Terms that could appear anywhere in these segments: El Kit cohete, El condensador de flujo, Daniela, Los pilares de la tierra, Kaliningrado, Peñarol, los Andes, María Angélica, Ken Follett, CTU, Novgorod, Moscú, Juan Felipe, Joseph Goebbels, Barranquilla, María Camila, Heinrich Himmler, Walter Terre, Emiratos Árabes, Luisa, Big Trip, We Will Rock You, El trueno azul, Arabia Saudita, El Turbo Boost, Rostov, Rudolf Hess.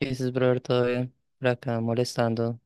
Y dices, brother, todo bien. Por acá molestando.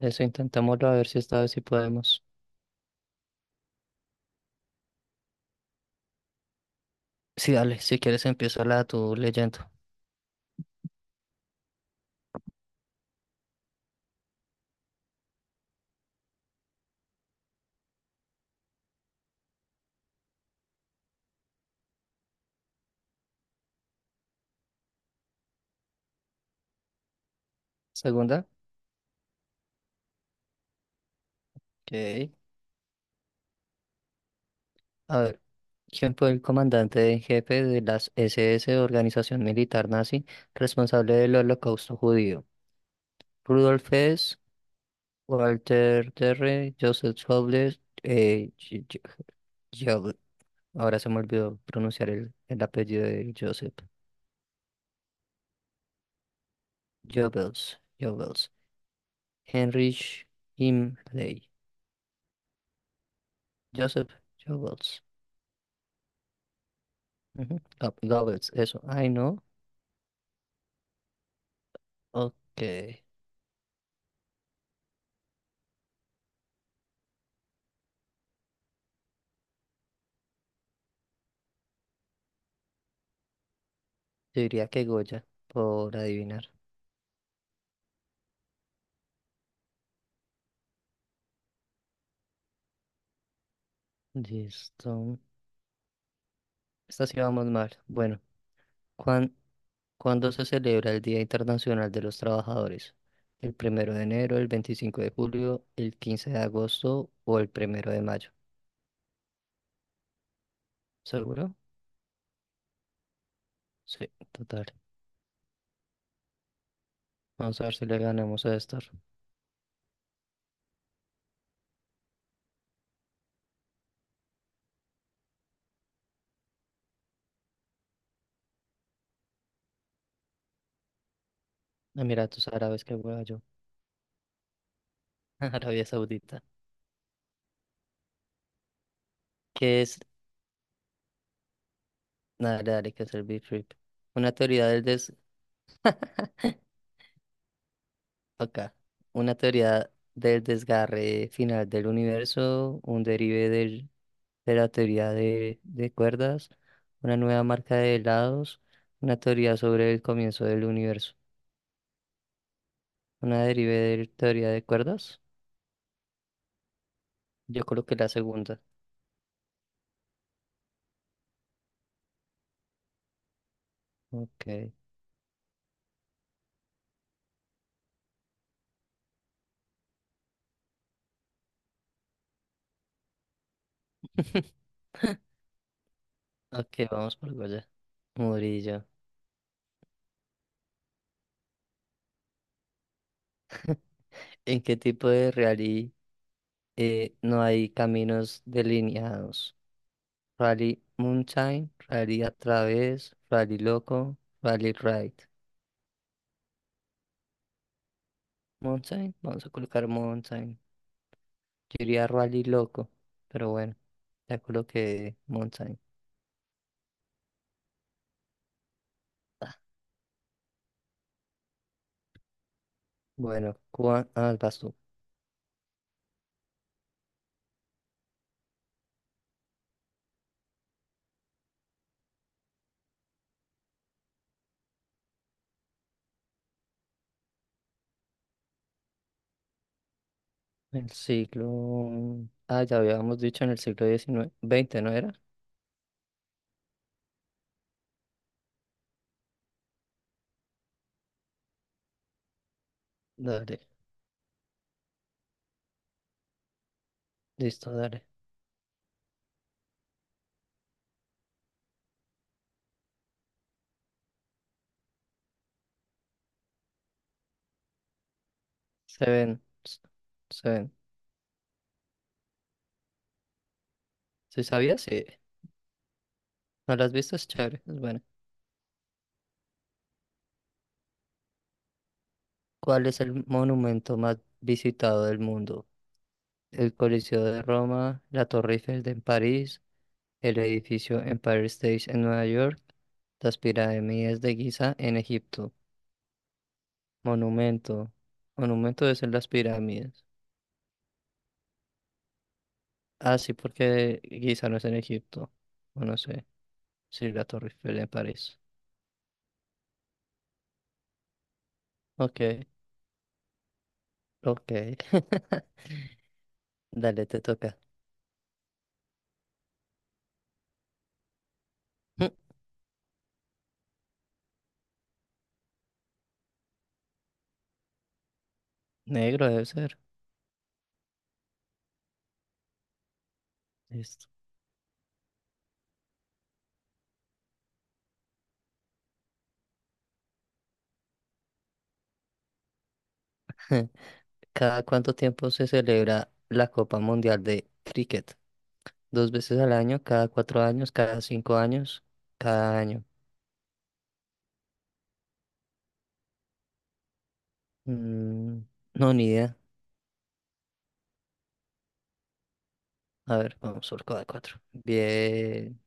Eso intentémoslo a ver si esta vez sí podemos. Sí, dale, si quieres empieza la tu leyendo. Segunda. Ok. A ver. ¿Quién fue el comandante en jefe de las SS, organización militar nazi, responsable del holocausto judío? Rudolf Hess, Walter Terre, Joseph Goebbels, Goebbels. Ahora se me olvidó pronunciar el apellido de Joseph. Goebbels, Goebbels. Heinrich Himmler. Joseph Goebbels. Ujú, Goebbels, eso. Ay, no. Ok. Yo diría que Goya, por adivinar. Listo. Esta sí vamos mal. Bueno, ¿cuán- ¿cuándo se celebra el Día Internacional de los Trabajadores? ¿El 1 de enero, el 25 de julio, el 15 de agosto o el 1 de mayo? ¿Seguro? Sí, total. Vamos a ver si le ganamos a estos Emiratos Árabes que voy yo. Arabia Saudita. ¿Qué es? Dale, dale, que es el Big Trip. Una teoría. Acá, una teoría del desgarre final del universo, un derive del- de la teoría de cuerdas, una nueva marca de helados, una teoría sobre el comienzo del universo, una derive de teoría de cuerdas. Yo coloqué la segunda. Ok. Ok, vamos por allá. Murillo. ¿En qué tipo de reality no hay caminos delineados? Rally mountain, Rally a través, Rally loco, Rally ride. Mountain. Vamos a colocar mountain. Yo iría Rally loco, pero bueno, ya coloqué mountain. Ah, bueno, ¿cuál vas tú? Ah, ya habíamos dicho en el siglo XIX, 20, ¿no era? Dale, listo, dale. Se ven, se ven. ¿Sí sabías? Sí. ¿No las has visto? Es chévere, es bueno. ¿Cuál es el monumento más visitado del mundo? El Coliseo de Roma, la Torre Eiffel de en París, el edificio Empire State en Nueva York, las pirámides de Giza en Egipto, monumento, monumento debe ser las pirámides. Ah, sí, porque Giza no es en Egipto, o no sé, sí, la Torre Eiffel en París. Ok, ok, dale, te toca. Mm, Negro debe ser. Listo. ¿Cada cuánto tiempo se celebra la Copa Mundial de Cricket? 2 veces al año, cada 4 años, cada 5 años, cada año. Mm, no, ni idea. A ver, vamos por cada cuatro. Bien,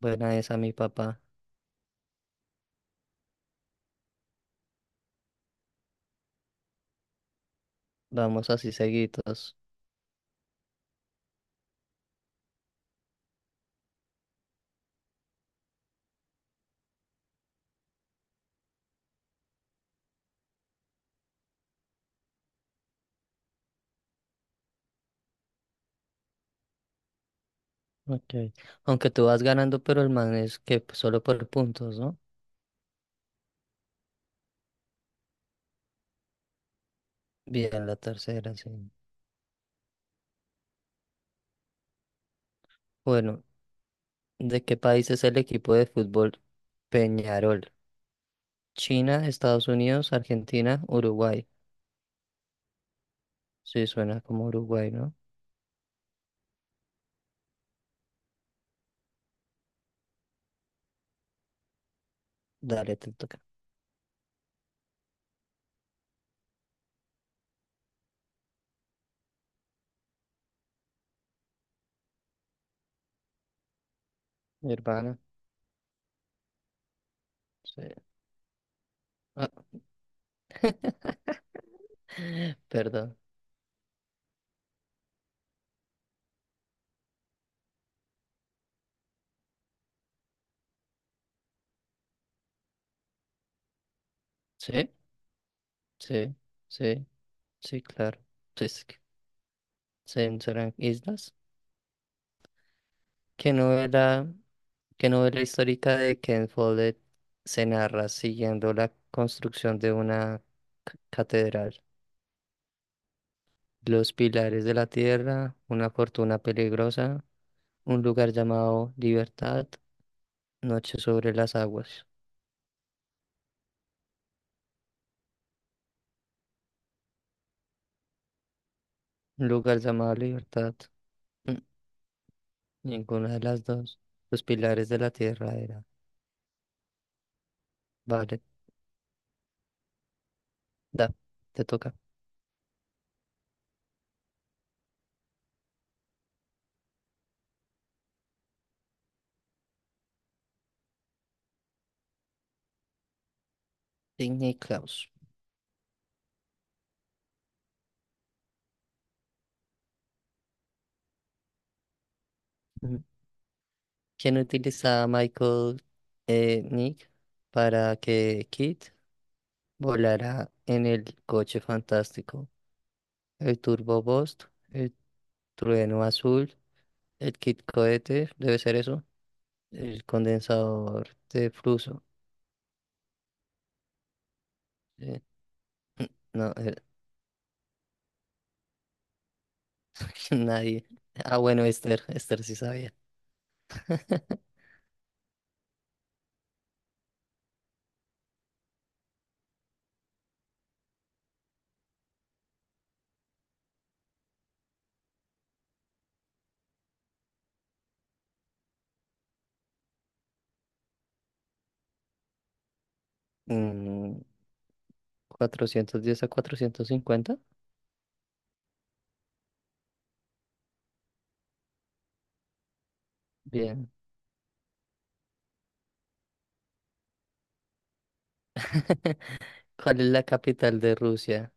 buena esa, mi papá. Vamos así seguidos. Ok. Aunque tú vas ganando, pero el man es que pues, solo por puntos, ¿no? Bien, la tercera, sí. Bueno, ¿de qué país es el equipo de fútbol Peñarol? China, Estados Unidos, Argentina, Uruguay. Sí, suena como Uruguay, ¿no? Dale, te toca. Mi hermana. Sí. Ah, ¿verdad? Sí, sí, sí, sí, claro. Pues que serán islas. ¿Qué novela, qué novela histórica de Ken Follett se narra siguiendo la construcción de una catedral? Los pilares de la tierra, una fortuna peligrosa, un lugar llamado Libertad, Noche sobre las aguas. Un lugar llamado Libertad. Mm, Ninguna de las dos. Los pilares de la tierra era. Vale, da, te toca. Sidney Klaus, Ujú. Quien utiliza a Michael Nick para que Kit volara en el coche fantástico. El Turbo Boost, el trueno azul, el Kit cohete, debe ser eso, el condensador de flujo. eh, no, nadie. Ah, bueno, Esther, Esther sí sabía. Mm, 410 a 450. Bien. ¿Cuál es la capital de Rusia?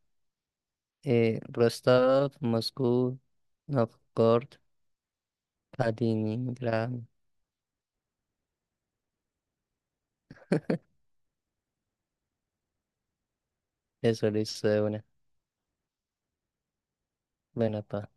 Rostov, Moscú, Novgorod, Kaliningrado. Eso lo hizo de una. Buena, pa.